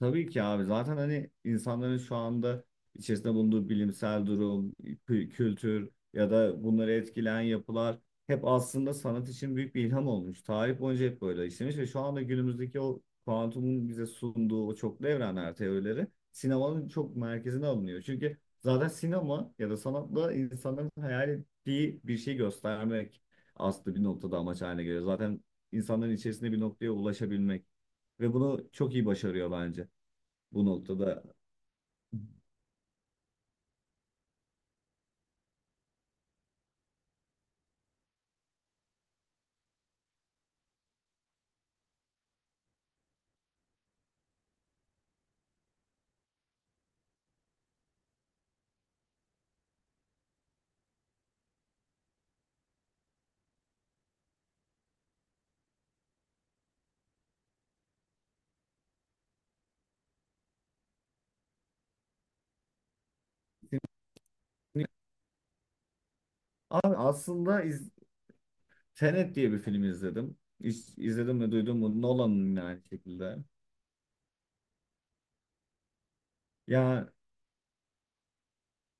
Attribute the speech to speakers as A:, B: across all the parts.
A: Tabii ki abi zaten hani insanların şu anda içerisinde bulunduğu bilimsel durum, kültür ya da bunları etkileyen yapılar hep aslında sanat için büyük bir ilham olmuş. Tarih boyunca hep böyle işlemiş ve şu anda günümüzdeki o kuantumun bize sunduğu o çoklu evrenler teorileri sinemanın çok merkezine alınıyor. Çünkü zaten sinema ya da sanatla insanların hayal ettiği bir şey göstermek aslında bir noktada amaç haline geliyor. Zaten insanların içerisinde bir noktaya ulaşabilmek ve bunu çok iyi başarıyor bence bu noktada. Abi aslında Tenet diye bir film izledim. İzledim ve duydum mu? Nolan'ın yine aynı şekilde. Ya,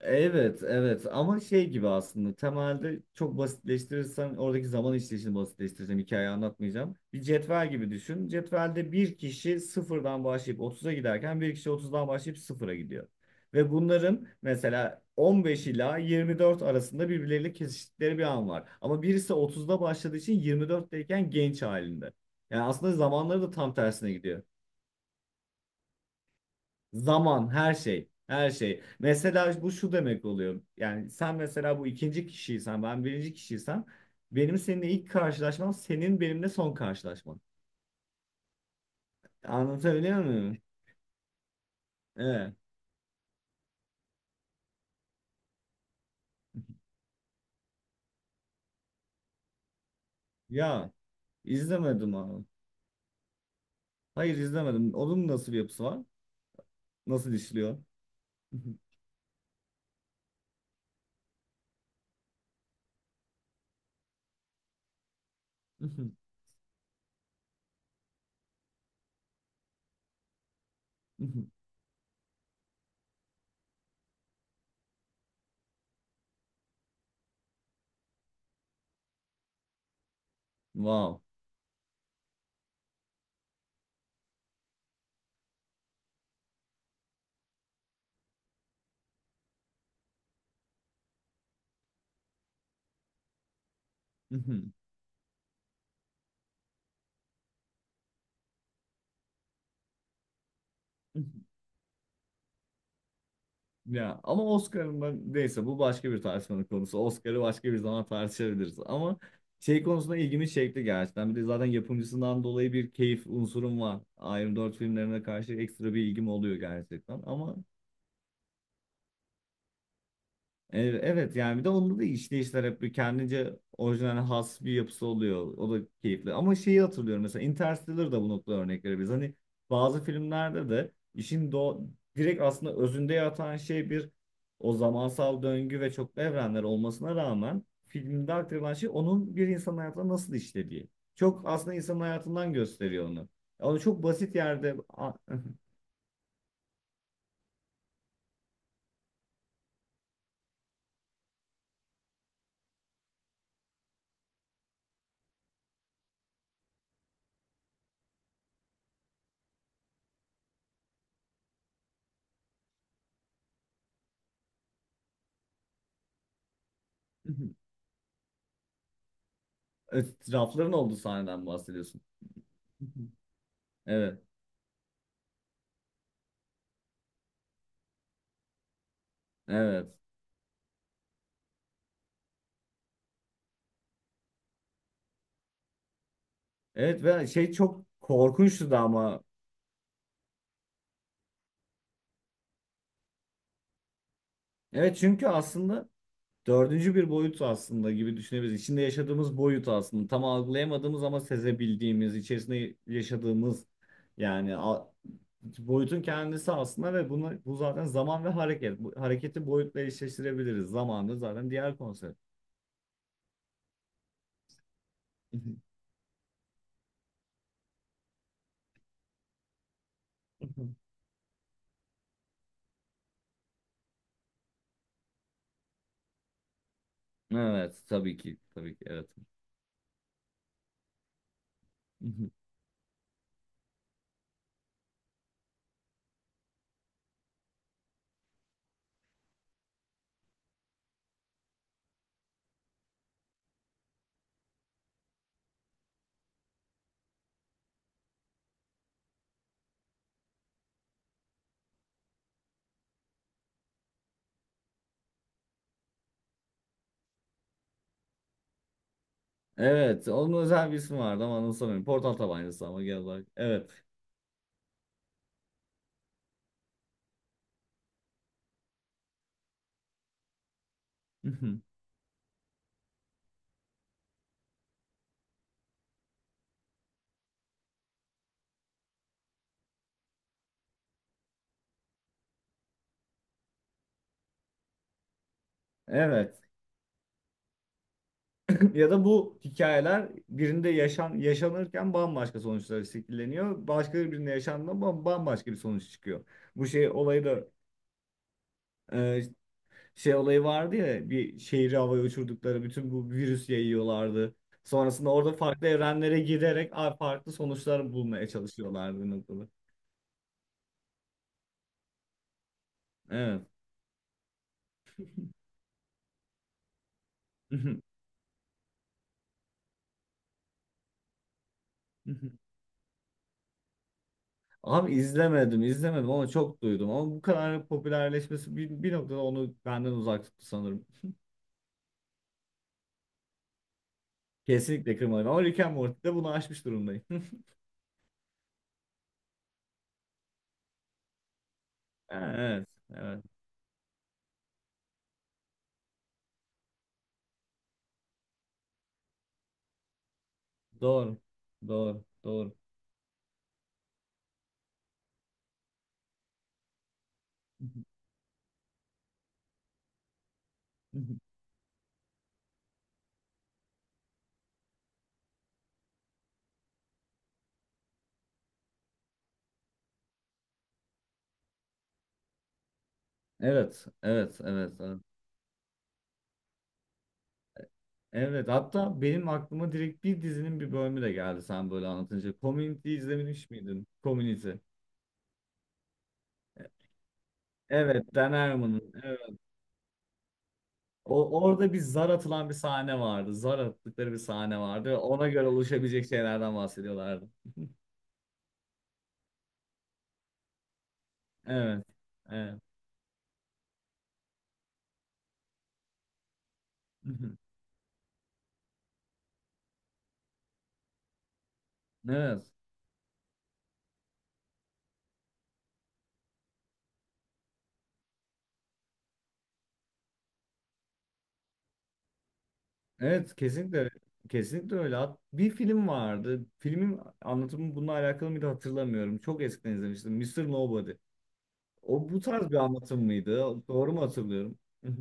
A: evet, evet ama şey gibi aslında temelde çok basitleştirirsen oradaki zaman işleyişini basitleştireceğim, hikayeyi anlatmayacağım. Bir cetvel gibi düşün. Cetvelde bir kişi sıfırdan başlayıp otuza giderken bir kişi otuzdan başlayıp sıfıra gidiyor. Ve bunların mesela 15 ila 24 arasında birbirleriyle kesiştikleri bir an var. Ama birisi otuzda başladığı için 24'teyken genç halinde. Yani aslında zamanları da tam tersine gidiyor. Zaman, her şey, her şey. Mesela bu şu demek oluyor. Yani sen mesela bu ikinci kişiysen, ben birinci kişiysem, benim seninle ilk karşılaşmam, senin benimle son karşılaşman. Anlatabiliyor muyum? Evet. Ya, izlemedim abi. Hayır, izlemedim. Onun nasıl bir yapısı var? Nasıl işliyor? Wow. Ya ama Oscar'ın, ben neyse, bu başka bir tartışmanın konusu. Oscar'ı başka bir zaman tartışabiliriz. Ama şey konusunda ilgimi çekti gerçekten. Bir de zaten yapımcısından dolayı bir keyif unsurum var. Iron 4 filmlerine karşı ekstra bir ilgim oluyor gerçekten. Ama evet, yani bir de onda da işleyişler hep bir kendince orijinal, has bir yapısı oluyor. O da keyifli. Ama şeyi hatırlıyorum, mesela Interstellar da bu noktada örnek verebiliriz. Hani bazı filmlerde de işin direkt aslında özünde yatan şey bir o zamansal döngü ve çoklu evrenler olmasına rağmen filmde aktarılan şey onun bir insanın hayatına nasıl işlediği. Çok aslında insanın hayatından gösteriyor onu. Ama çok basit yerde, etrafların olduğu sahneden bahsediyorsun. Evet, evet. Evet ve şey çok korkunçtu da ama. Evet çünkü aslında dördüncü bir boyut aslında gibi düşünebiliriz. İçinde yaşadığımız boyut aslında. Tam algılayamadığımız ama sezebildiğimiz, içerisinde yaşadığımız yani boyutun kendisi aslında ve bunu, bu zaten zaman ve hareket. Bu, hareketi boyutla eşleştirebiliriz. Zaman da zaten diğer konsept. Evet, tabii ki. Tabii ki evet. Evet, onun özel bir ismi vardı ama anımsamıyorum. Portal tabancası ama gel bak. Evet. Evet. Ya da bu hikayeler birinde yaşan, yaşanırken bambaşka sonuçlar şekilleniyor. Başka birinde yaşandığında bambaşka bir sonuç çıkıyor. Bu şey olayı da, e, şey olayı vardı ya, bir şehri havaya uçurdukları, bütün bu virüs yayıyorlardı. Sonrasında orada farklı evrenlere giderek farklı sonuçlar bulmaya çalışıyorlardı bir noktada. Evet. Abi izlemedim, izlemedim ama çok duydum. Ama bu kadar popülerleşmesi bir noktada onu benden uzak tuttu sanırım. Kesinlikle kırmadım. Ama Rick and Morty'de bunu aşmış durumdayım. Ha, evet, evet. Doğru. Doğru, doğru. Evet, evet, evet, evet. Evet, hatta benim aklıma direkt bir dizinin bir bölümü de geldi sen böyle anlatınca. Community izlemiş miydin? Community. Evet, Dan Harmon'ın. Evet. O, orada bir zar atılan bir sahne vardı. Zar attıkları bir sahne vardı ve ona göre oluşabilecek şeylerden bahsediyorlardı. Evet, evet. Evet. Evet, kesinlikle, kesinlikle öyle. Bir film vardı. Filmin anlatımı bununla alakalı mıydı hatırlamıyorum. Çok eskiden izlemiştim. Mister Nobody. O bu tarz bir anlatım mıydı? Doğru mu hatırlıyorum? Hı hı.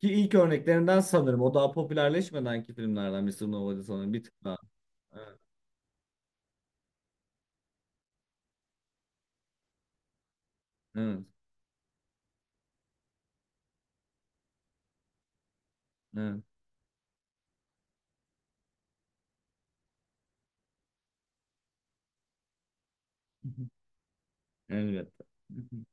A: Ki ilk örneklerinden sanırım. O daha popülerleşmedenki filmlerden Mister Nobody sanırım. Bir tık daha. Evet. Evet. Evet. Elbette.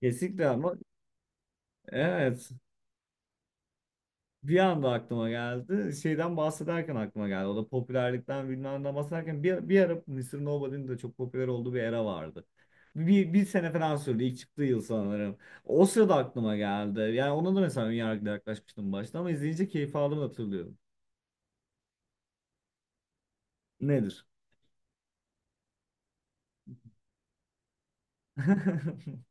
A: Kesinlikle ama evet. Bir anda aklıma geldi. Şeyden bahsederken aklıma geldi. O da popülerlikten bilmem ne bahsederken bir ara Mr. Nobody'nin de çok popüler olduğu bir era vardı. Bir sene falan sürdü. İlk çıktığı yıl sanırım. O sırada aklıma geldi. Yani ona da mesela önyargıyla yaklaşmıştım başta ama izleyince keyif aldığımı hatırlıyorum. Nedir?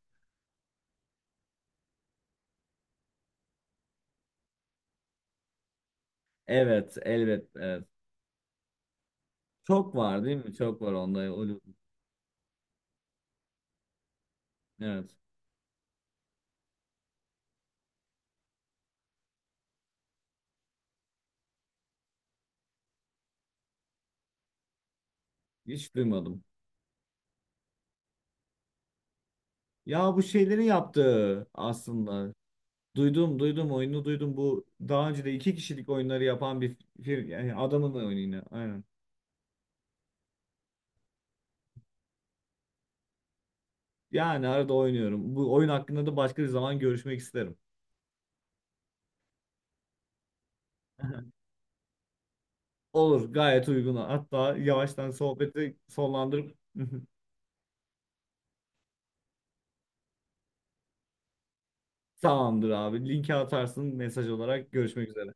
A: Evet, elbet, evet. Çok var değil mi? Çok var onda. Evet. Hiç duymadım. Ya bu şeylerin yaptığı aslında. Duydum, duydum, oyunu duydum. Bu daha önce de iki kişilik oyunları yapan bir yani adamın oyunu yine. Aynen. Yani arada oynuyorum. Bu oyun hakkında da başka bir zaman görüşmek isterim. Olur, gayet uygun. Hatta yavaştan sohbeti sonlandırıp tamamdır abi. Linki atarsın mesaj olarak. Görüşmek üzere.